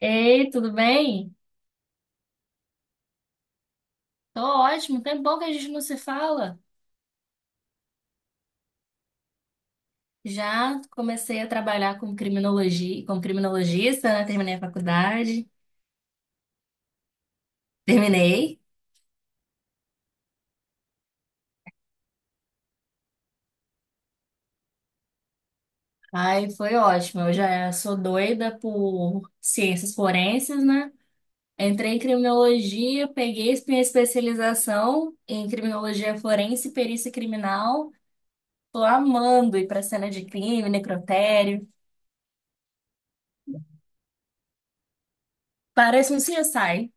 Ei, tudo bem? Tô ótimo. Tem bom que a gente não se fala. Já comecei a trabalhar com criminologia, como criminologista, né? Terminei a faculdade. Terminei. Aí foi ótimo. Eu já sou doida por ciências forenses, né? Entrei em criminologia, peguei minha especialização em criminologia forense e perícia criminal. Tô amando ir pra cena de crime, necrotério. Parece um CSI.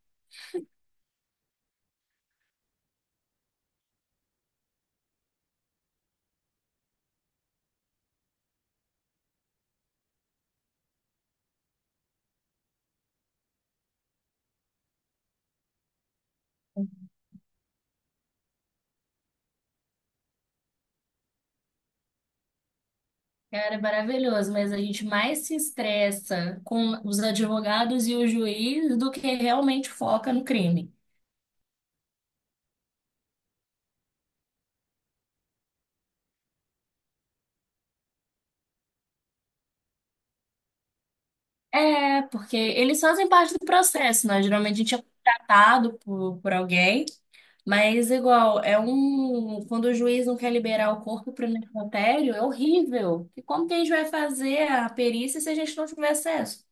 Cara, é maravilhoso, mas a gente mais se estressa com os advogados e o juiz do que realmente foca no crime. É, porque eles fazem parte do processo, né? Geralmente a gente é contratado por alguém, mas igual, é um. Quando o juiz não quer liberar o corpo para o necrotério, é horrível. E como que a gente vai fazer a perícia se a gente não tiver acesso?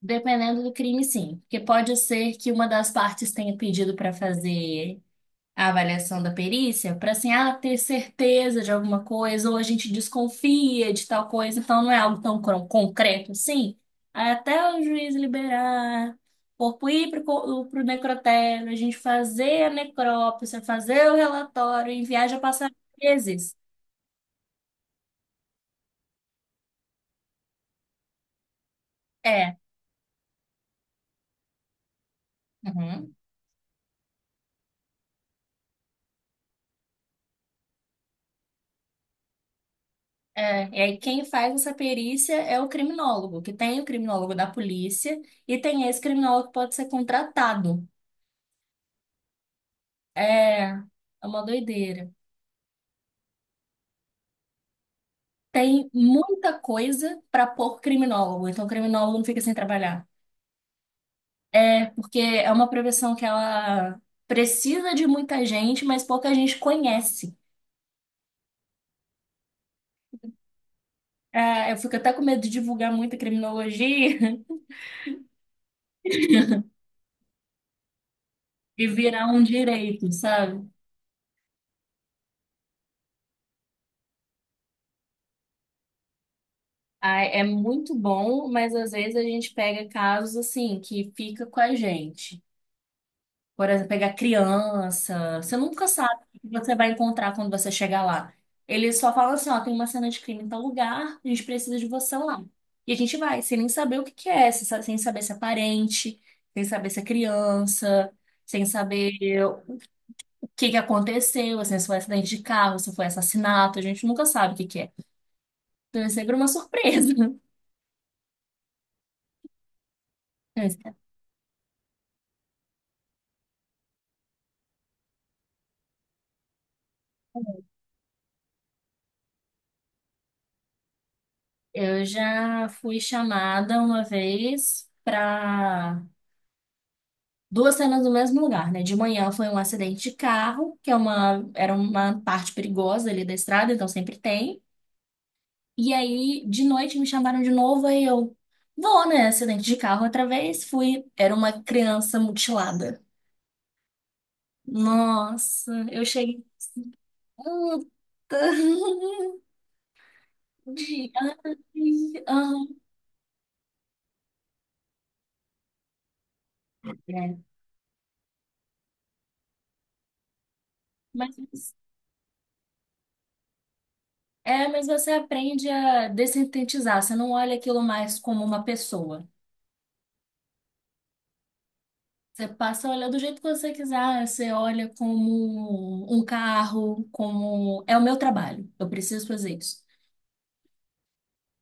Dependendo do crime, sim. Porque pode ser que uma das partes tenha pedido para fazer a avaliação da perícia para assim, ah, ter certeza de alguma coisa, ou a gente desconfia de tal coisa, então não é algo tão concreto assim. Aí até o juiz liberar, o corpo ir para o necrotério, a gente fazer a necrópsia, fazer o relatório, enviar, já passar meses. É. Uhum. É, e aí quem faz essa perícia é o criminólogo, que tem o criminólogo da polícia e tem esse criminólogo que pode ser contratado. É uma doideira. Tem muita coisa para pôr criminólogo, então o criminólogo não fica sem trabalhar. É, porque é uma profissão que ela precisa de muita gente, mas pouca gente conhece. É, eu fico até com medo de divulgar muita criminologia e virar um direito, sabe? Ah, é muito bom, mas às vezes a gente pega casos assim que fica com a gente. Por exemplo, pegar criança. Você nunca sabe o que você vai encontrar quando você chegar lá. Eles só falam assim, ó, tem uma cena de crime em tal lugar, a gente precisa de você lá. E a gente vai, sem nem saber o que que é, sem saber se é parente, sem saber se é criança, sem saber o que que aconteceu, assim, se foi acidente de carro, se foi assassinato, a gente nunca sabe o que que é. Então é sempre uma surpresa. Eu já fui chamada uma vez para duas cenas no mesmo lugar, né? De manhã foi um acidente de carro, que é uma, era uma parte perigosa ali da estrada, então sempre tem. E aí, de noite, me chamaram de novo, aí eu vou, né? Acidente de carro outra vez, fui. Era uma criança mutilada. Nossa, eu cheguei. Puta. De... ai, aham. É, mas, é, mas você aprende a dessintetizar, você não olha aquilo mais como uma pessoa. Você passa a olhar do jeito que você quiser, você olha como um carro, como. É o meu trabalho, eu preciso fazer isso.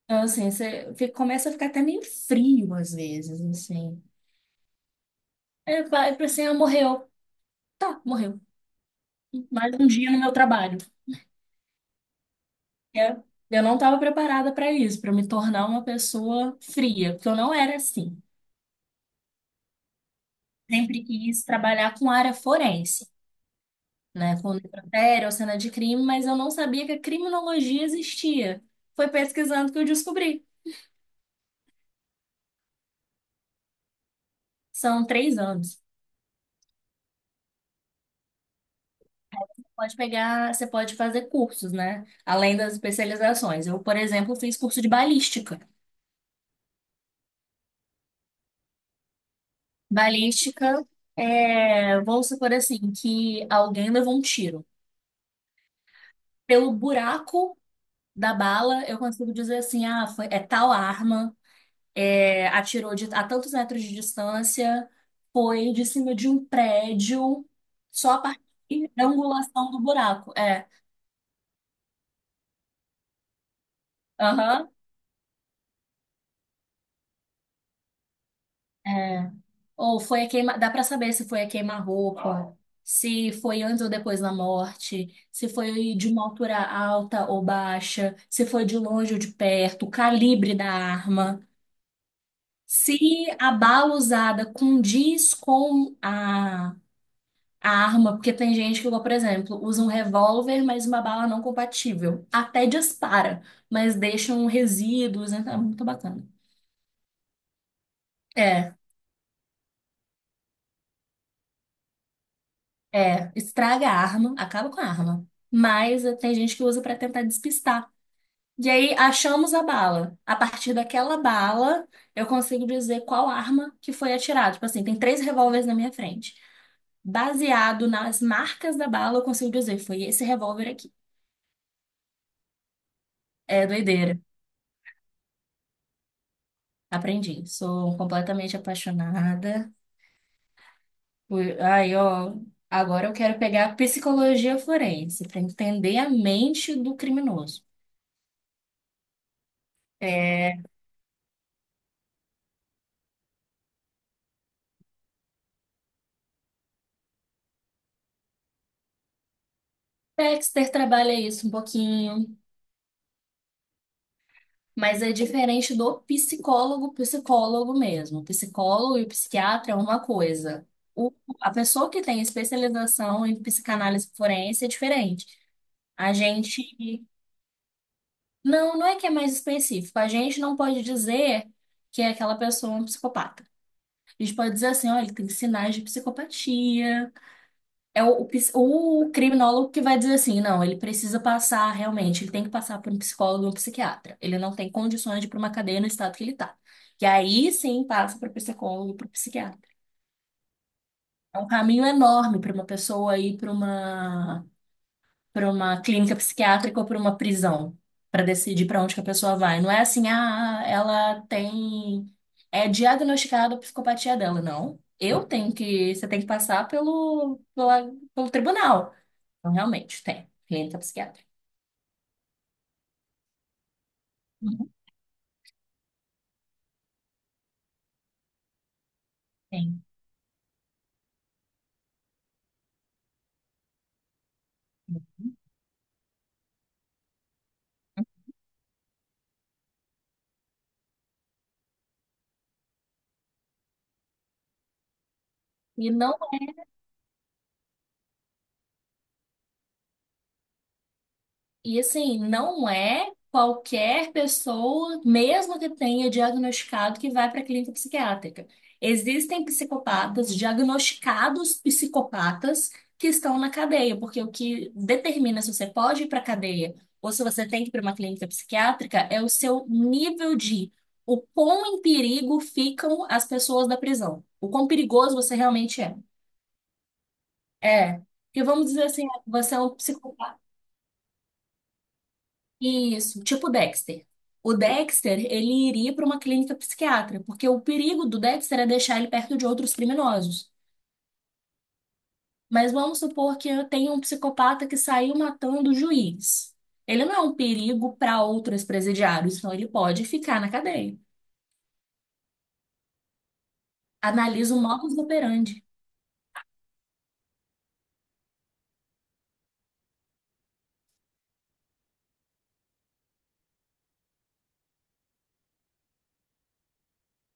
Então, assim, você começa a ficar até meio frio às vezes, assim. É, vai pra assim, ah, morreu. Tá, morreu. Mais um dia no meu trabalho. É, eu não estava preparada para isso, para me tornar uma pessoa fria, porque eu não era assim. Sempre quis trabalhar com área forense. Né, com necrotério ou cena de crime, mas eu não sabia que a criminologia existia. Foi pesquisando que eu descobri. São 3 anos. Pode pegar, você pode fazer cursos, né? Além das especializações. Eu, por exemplo, fiz curso de balística. Balística é, vamos supor assim, que alguém levou um tiro. Pelo buraco da bala, eu consigo dizer assim, ah, foi, é tal arma, é, a tantos metros de distância, foi de cima de um prédio, só a partir da angulação do buraco. É, aham, é. Ou foi a queima, dá pra saber se foi a queima-roupa, se foi antes ou depois da morte, se foi de uma altura alta ou baixa, se foi de longe ou de perto, o calibre da arma. Se a bala usada condiz com a arma, porque tem gente que, por exemplo, usa um revólver, mas uma bala não compatível. Até dispara, mas deixam resíduos, né? Tá muito bacana. É, é, estraga a arma, acaba com a arma. Mas tem gente que usa pra tentar despistar. E aí achamos a bala. A partir daquela bala, eu consigo dizer qual arma que foi atirada. Tipo assim, tem 3 revólveres na minha frente. Baseado nas marcas da bala, eu consigo dizer, foi esse revólver aqui. É doideira. Aprendi. Sou completamente apaixonada. Aí, ó, agora eu quero pegar a psicologia forense para entender a mente do criminoso. É, Dexter trabalha isso um pouquinho, mas é diferente do psicólogo, psicólogo mesmo. O psicólogo e o psiquiatra é uma coisa. O- a pessoa que tem especialização em psicanálise forense é diferente. A gente. Não, não é que é mais específico. A gente não pode dizer que é aquela pessoa é um psicopata. A gente pode dizer assim, olha, ele tem sinais de psicopatia. É o o criminólogo que vai dizer assim, não, ele precisa passar realmente, ele tem que passar por um psicólogo ou um psiquiatra. Ele não tem condições de ir para uma cadeia no estado que ele está. E aí sim passa para o psicólogo, e para o psiquiatra. É um caminho enorme para uma pessoa ir para uma clínica psiquiátrica ou para uma prisão, para decidir para onde que a pessoa vai. Não é assim, ah, ela tem. É diagnosticada a psicopatia dela, não. Eu tenho que. Você tem que passar pelo tribunal. Então, realmente, tem. Clínica psiquiátrica. Uhum, tem. E não. E assim, não é qualquer pessoa, mesmo que tenha diagnosticado, que vai para a clínica psiquiátrica. Existem psicopatas, diagnosticados psicopatas, que estão na cadeia, porque o que determina se você pode ir para a cadeia ou se você tem que ir para uma clínica psiquiátrica é o seu nível de, o quão em perigo ficam as pessoas da prisão, o quão perigoso você realmente é. É. Porque vamos dizer assim, você é um psicopata. Isso, tipo Dexter. O Dexter, ele iria para uma clínica psiquiátrica, porque o perigo do Dexter é deixar ele perto de outros criminosos. Mas vamos supor que eu tenha um psicopata que saiu matando o juiz. Ele não é um perigo para outros presidiários, então ele pode ficar na cadeia. Analisa o modus operandi.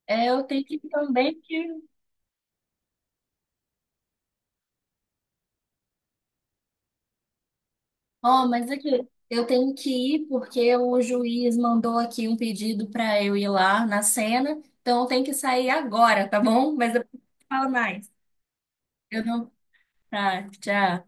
É, eu tenho que também que Ó, mas aqui, eu tenho que ir porque o juiz mandou aqui um pedido para eu ir lá na cena. Então eu tenho que sair agora, tá bom? Mas depois eu falo mais. Eu não. Tá, tchau.